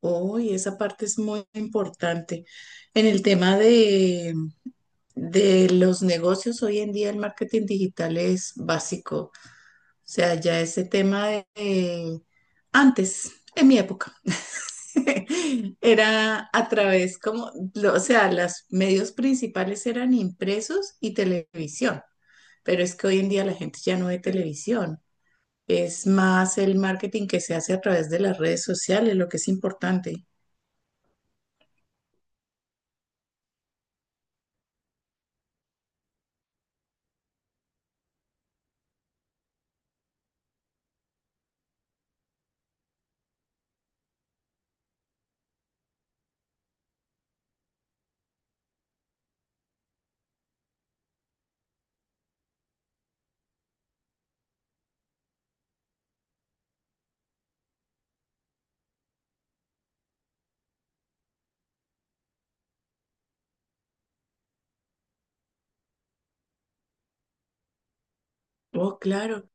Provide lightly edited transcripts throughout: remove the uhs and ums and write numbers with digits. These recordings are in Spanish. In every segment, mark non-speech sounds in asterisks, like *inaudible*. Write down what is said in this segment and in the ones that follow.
Oh, y esa parte es muy importante. En el tema de los negocios, hoy en día el marketing digital es básico. O sea, ya ese tema de antes, en mi época, *laughs* era a través como, o sea, los medios principales eran impresos y televisión. Pero es que hoy en día la gente ya no ve televisión. Es más el marketing que se hace a través de las redes sociales, lo que es importante. Oh, claro,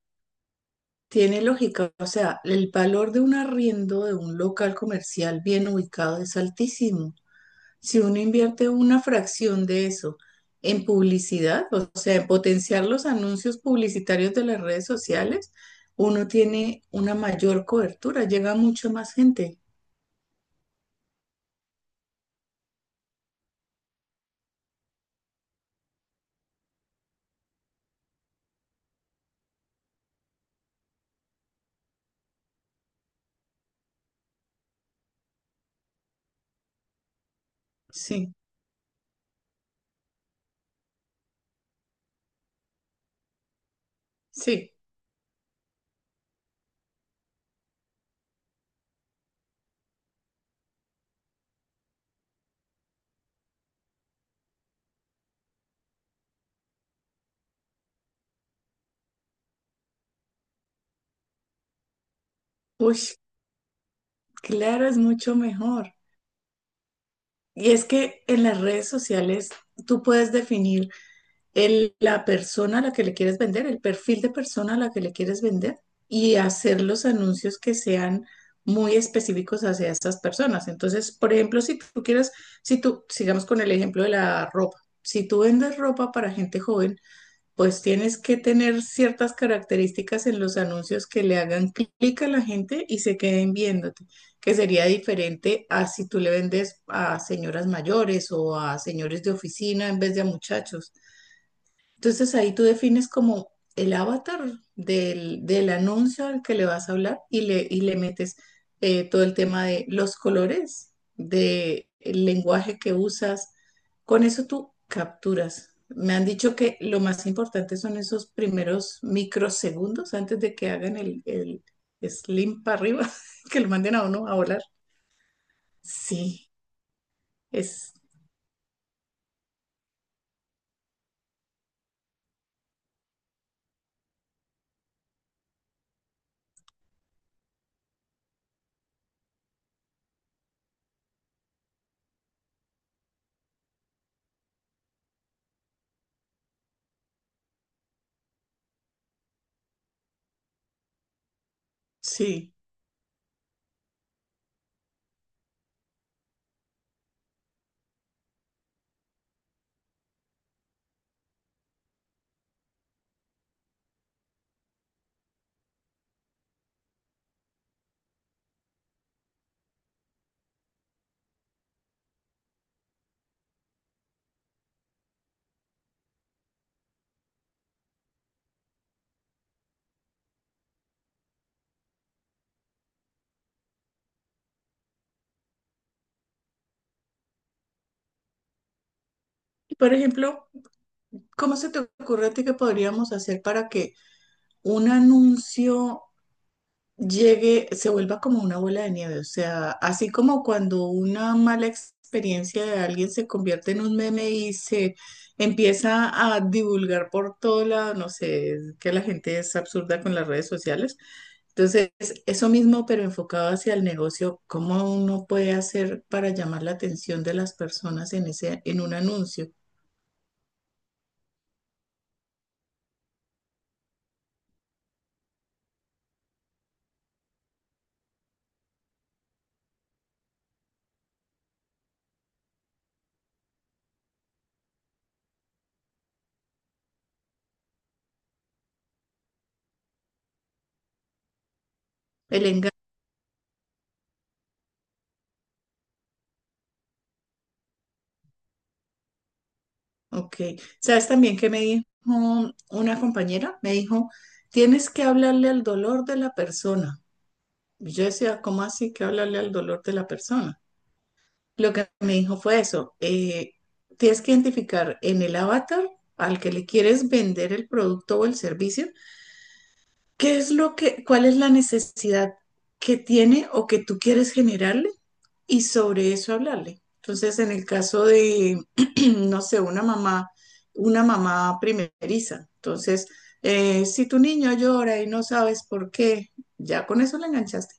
tiene lógica. O sea, el valor de un arriendo de un local comercial bien ubicado es altísimo. Si uno invierte una fracción de eso en publicidad, o sea, en potenciar los anuncios publicitarios de las redes sociales, uno tiene una mayor cobertura, llega a mucha más gente. Sí, sí. Uy, claro, es mucho mejor. Y es que en las redes sociales tú puedes definir la persona a la que le quieres vender, el perfil de persona a la que le quieres vender y hacer los anuncios que sean muy específicos hacia estas personas. Entonces, por ejemplo, si tú, sigamos con el ejemplo de la ropa, si tú vendes ropa para gente joven, pues tienes que tener ciertas características en los anuncios que le hagan clic a la gente y se queden viéndote, que sería diferente a si tú le vendes a señoras mayores o a señores de oficina en vez de a muchachos. Entonces ahí tú defines como el avatar del anuncio al que le vas a hablar y le metes todo el tema de los colores, de el lenguaje que usas. Con eso tú capturas. Me han dicho que lo más importante son esos primeros microsegundos antes de que hagan el slim para arriba, *laughs* que lo manden a uno a volar. Sí, es, sí. Por ejemplo, ¿cómo se te ocurre a ti que podríamos hacer para que un anuncio llegue, se vuelva como una bola de nieve? O sea, así como cuando una mala experiencia de alguien se convierte en un meme y se empieza a divulgar por todo lado, no sé, es que la gente es absurda con las redes sociales. Entonces, eso mismo, pero enfocado hacia el negocio, ¿cómo uno puede hacer para llamar la atención de las personas en en un anuncio? El Ok, ¿sabes también que me dijo una compañera? Me dijo, tienes que hablarle al dolor de la persona. Y yo decía, ¿cómo así que hablarle al dolor de la persona? Lo que me dijo fue eso, tienes que identificar en el avatar al que le quieres vender el producto o el servicio, qué es lo que, cuál es la necesidad que tiene o que tú quieres generarle y sobre eso hablarle. Entonces, en el caso de, *clears throat* no sé, una mamá primeriza, entonces, si tu niño llora y no sabes por qué, ya con eso le enganchaste.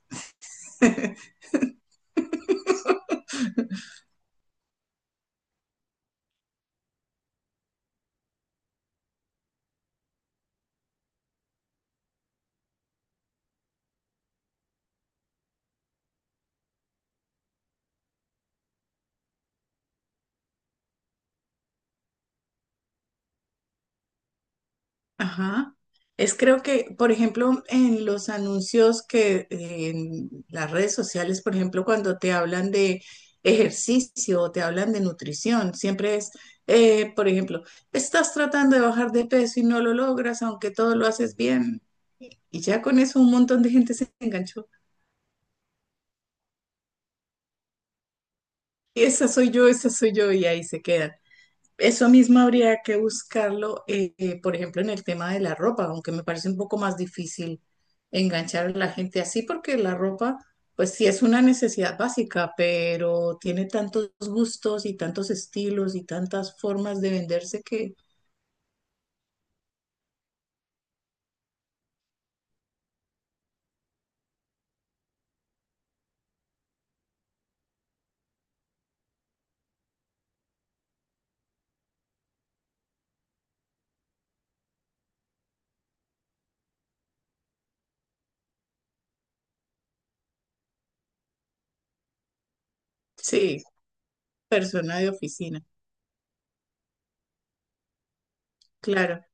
Ajá. Es creo que, por ejemplo, en los anuncios que en las redes sociales, por ejemplo, cuando te hablan de ejercicio o te hablan de nutrición, por ejemplo, estás tratando de bajar de peso y no lo logras, aunque todo lo haces bien. Y ya con eso un montón de gente se enganchó. Y esa soy yo, y ahí se quedan. Eso mismo habría que buscarlo, por ejemplo, en el tema de la ropa, aunque me parece un poco más difícil enganchar a la gente así, porque la ropa, pues sí es una necesidad básica, pero tiene tantos gustos y tantos estilos y tantas formas de venderse que sí, persona de oficina, claro.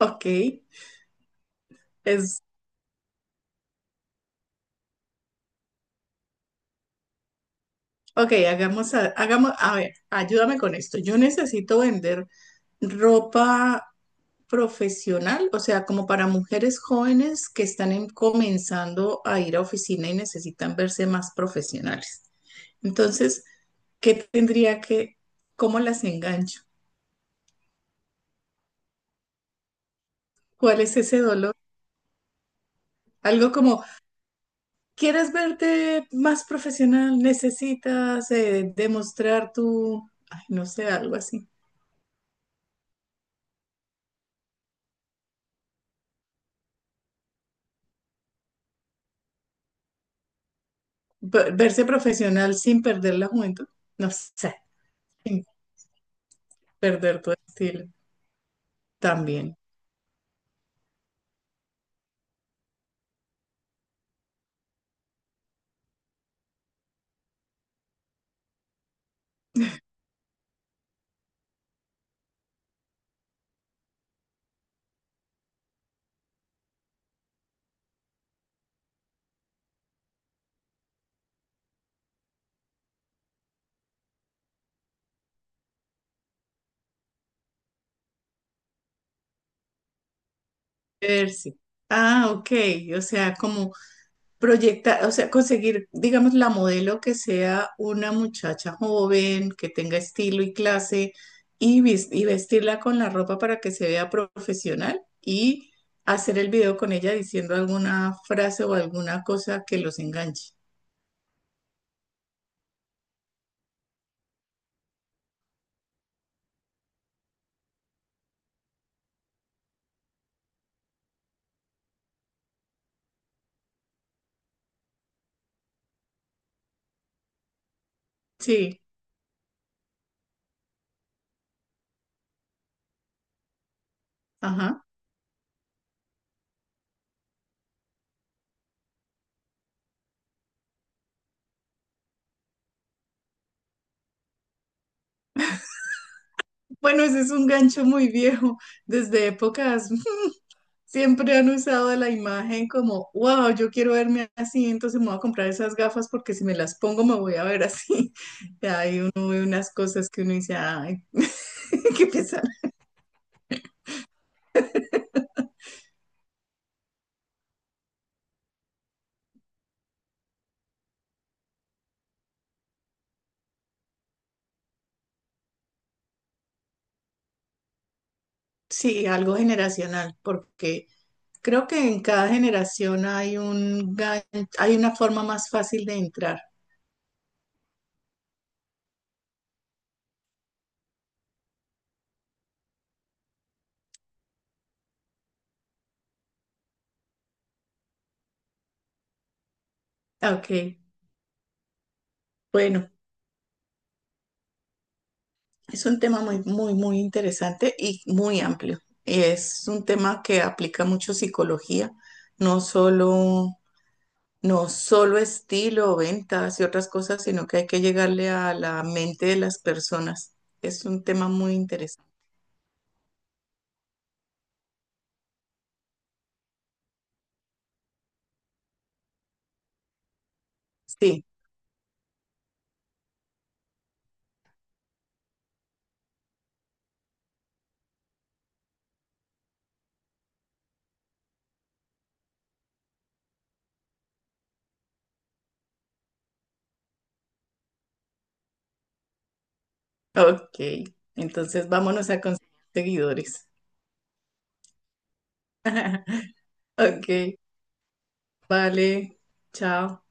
Ok, es, ok, hagamos, hagamos, a ver, ayúdame con esto. Yo necesito vender ropa profesional, o sea, como para mujeres jóvenes que están comenzando a ir a oficina y necesitan verse más profesionales. Entonces, ¿qué tendría que, ¿cómo las engancho? ¿Cuál es ese dolor? Algo como, ¿quieres verte más profesional? ¿Necesitas demostrar tu, ay, no sé, algo así? Verse profesional sin perder la juventud, no sé, sin perder tu estilo también. Verse. Ah, ok, o sea, como proyectar, o sea, conseguir, digamos, la modelo que sea una muchacha joven, que tenga estilo y clase, y vestirla con la ropa para que se vea profesional y hacer el video con ella diciendo alguna frase o alguna cosa que los enganche. Sí, ajá. Bueno, ese es un gancho muy viejo, desde épocas. Siempre han usado la imagen como, wow, yo quiero verme así, entonces me voy a comprar esas gafas porque si me las pongo me voy a ver así. *laughs* Y ahí uno ve unas cosas que uno dice, ay, *laughs* qué pesar. Sí, algo generacional, porque creo que en cada generación hay una forma más fácil de entrar. Ok, bueno, es un tema muy, muy, muy interesante y muy amplio. Es un tema que aplica mucho psicología, no solo no solo estilo, ventas y otras cosas, sino que hay que llegarle a la mente de las personas. Es un tema muy interesante. Sí, ok. Entonces vámonos a conseguir seguidores. Ok, vale. Chao.